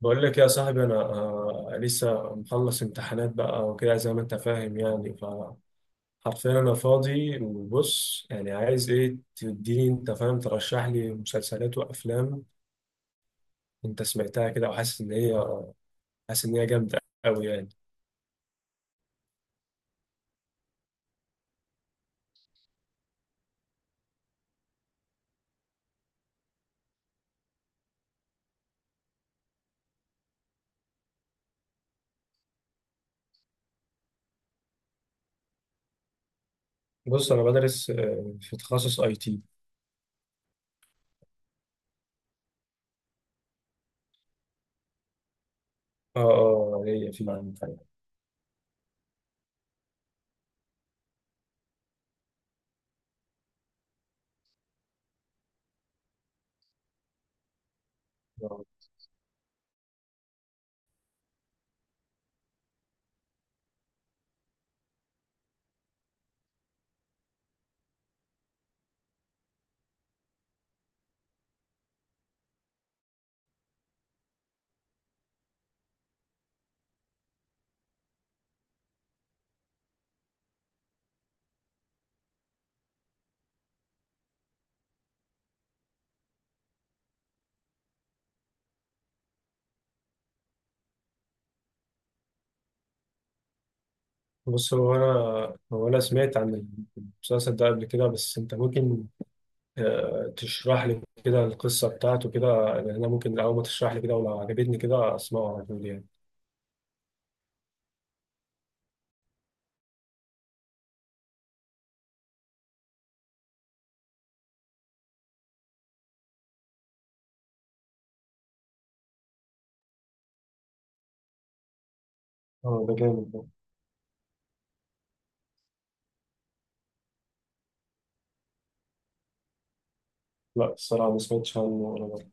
بقول لك يا صاحبي انا لسه مخلص امتحانات بقى وكده زي ما انت فاهم، يعني فحرفيا انا فاضي. وبص يعني، عايز ايه؟ تديني انت فاهم، ترشح لي مسلسلات وافلام. انت سمعتها كده وحاسس ان هي حاسس ان هي جامده قوي يعني. بص انا بدرس في تخصص اي تي. اه اه، ليا في. آه. بص، هو انا سمعت عن المسلسل ده قبل كده، بس انت ممكن تشرح لي كده القصة بتاعته كده. لأن أنا ممكن أول ما تشرح لي كده ولو عجبتني كده أسمعه على طول يعني. اه، ده جامد ده. لا، الصراحة ما سمعتش عنه ولا مرة.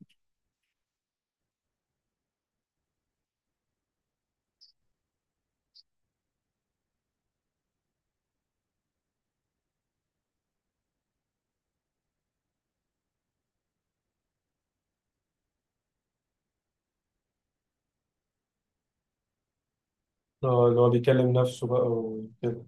اه، اللي هو بيكلم نفسه بقى وكده.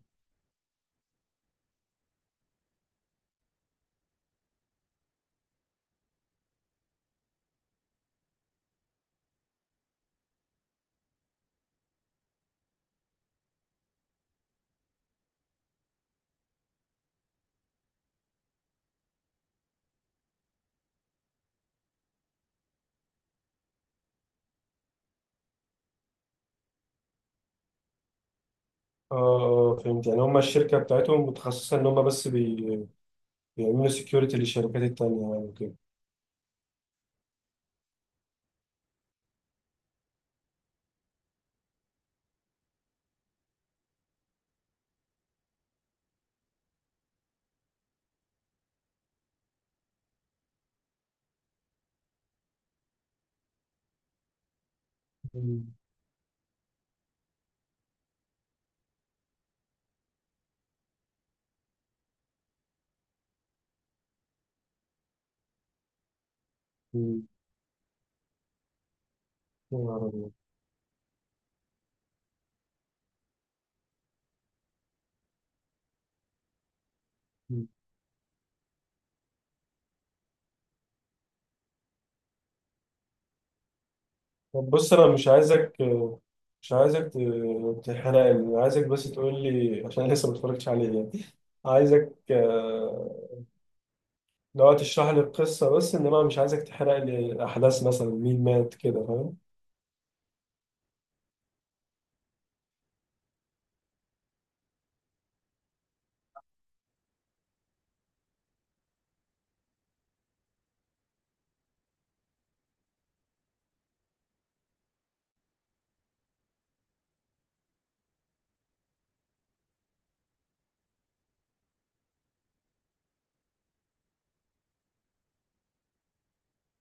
اه اه، فهمت. يعني هما الشركة بتاعتهم متخصصة إن هما بس بيعملوا سكيورتي للشركات التانية يعني وكده. مم. مم. يا نهار أبيض. مم. طب بص، أنا مش عايزك تحرقني. عايزك بس تقول لي عشان أنا لسه ما اتفرجتش عليه يعني. عايزك لو تشرح لي القصة بس، إنما مش عايزك تحرق لي أحداث مثلا مين مات كده، فاهم؟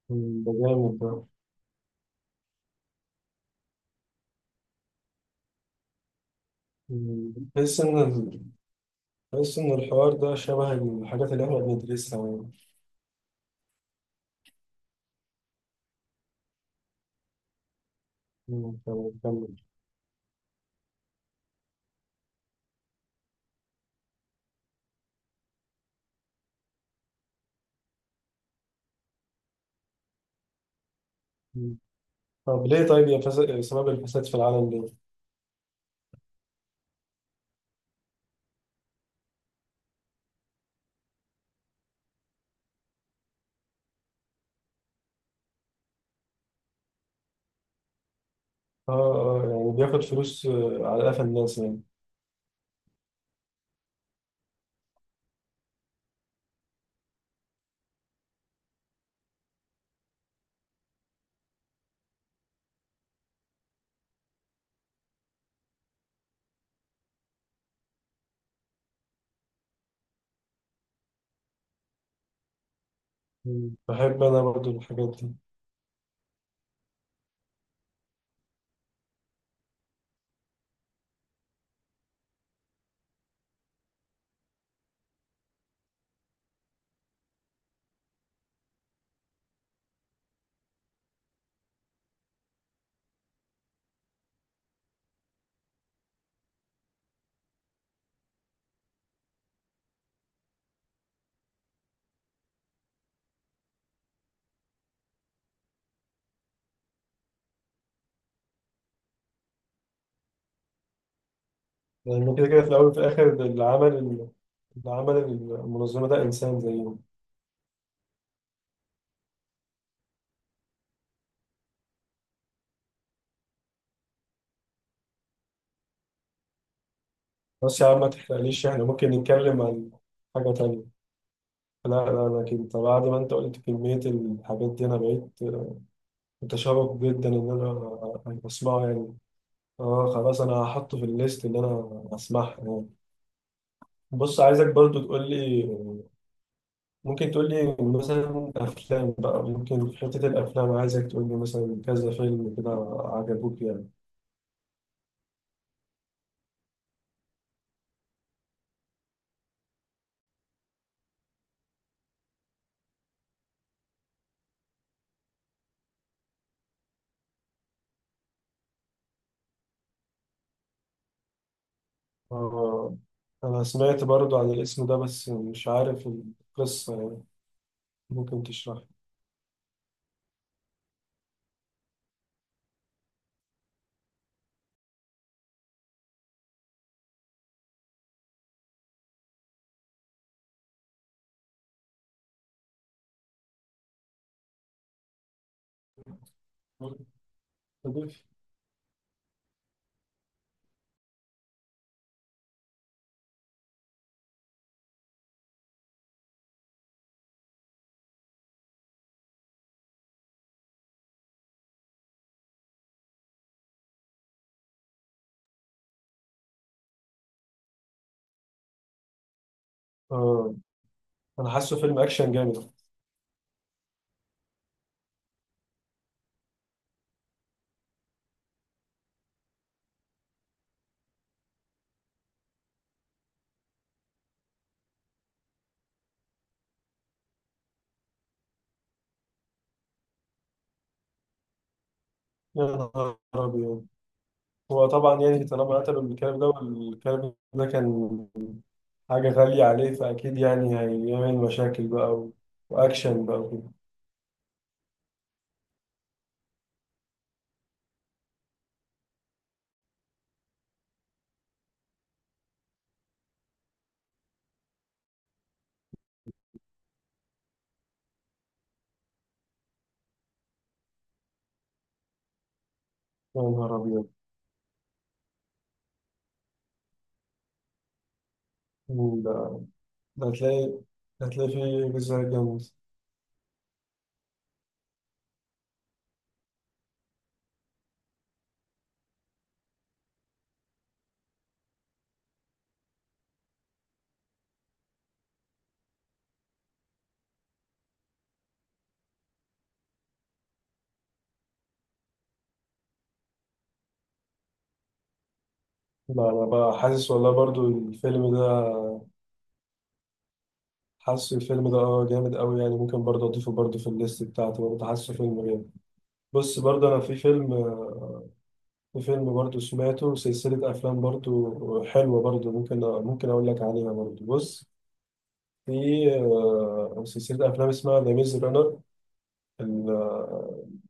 مم، ده جامد ده. مم، بحس إن الحوار ده شبه الحاجات اللي إحنا بندرسها يعني. مم، تمام، كمل. مم. طب ليه طيب، يا فساد، سبب الفساد في العالم ليه؟ آه آه، يعني بياخد فلوس على قفا الناس يعني. مم، بحب أنا برضو الحاجات دي. لأن كده كده في الأول وفي الآخر، اللي عمل المنظمة ده إنسان زيهم. بس يا عم ما تحرقليش، إحنا ممكن نتكلم عن حاجة تانية. لا لا، أنا كنت بعد ما أنت قلت كمية الحاجات دي أنا بقيت متشوق جدا إن أنا أسمعه يعني. آه خلاص، أنا هحطه في الليست إن أنا أسمعها يعني. بص، عايزك برضو تقول لي. ممكن تقول لي مثلا أفلام؟ بقى ممكن في حتة الأفلام عايزك تقول لي مثلا كذا فيلم كده عجبوك يعني. آه، أنا سمعت برضو عن الاسم ده بس مش عارف القصة يعني، ممكن تشرح لي. آه، أنا حاسه فيلم أكشن جامد. يا نهار أبيض. هو طبعا يعني طالما قتلوا الكلب ده والكلب ده كان حاجة غالية عليه، فأكيد يعني هيعمل مشاكل بقى وأكشن بقى وكده. يا نهار أبيض. مم، ده هتلاقي فيه جزء جامد. لا، أنا بقى حاسس والله برضو الفيلم ده، حاسه الفيلم ده اه جامد أوي يعني. ممكن برضه أضيفه برضه في الليست بتاعتي، برضه حاسه فيلم جامد. بص برضه، أنا في فيلم برضو سمعته، سلسلة أفلام برضو حلوة، برضو ممكن أقول لك عليها برضو. بص، في سلسلة أفلام اسمها ذا ميز رانر.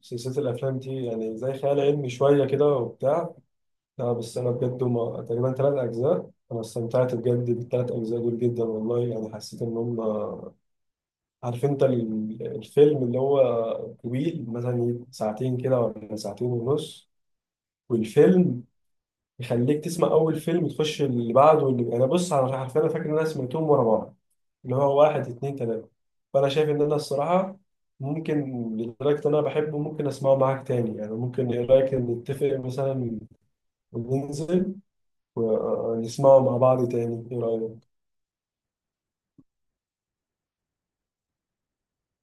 سلسلة الأفلام دي يعني زي خيال علمي شوية كده وبتاع. لا بس أنا بجد هما تقريبا تلات أجزاء، أنا استمتعت بجد بالتلات أجزاء دول جدا والله يعني، حسيت إن هما عارف أنت الفيلم اللي هو طويل مثلا ساعتين كده ولا ساعتين ونص، والفيلم يخليك تسمع اول فيلم وتخش اللي بعده. واللي انا بص انا عارف انا فاكر ان انا سمعتهم ورا بعض، اللي هو واحد اتنين تلاته. فانا شايف ان انا الصراحه ممكن، لدرجه ان انا بحبه ممكن اسمعه معاك تاني يعني. ممكن ايه رايك إن نتفق مثلا وننزل ونسمعه مع بعض تاني؟ ايه رايك؟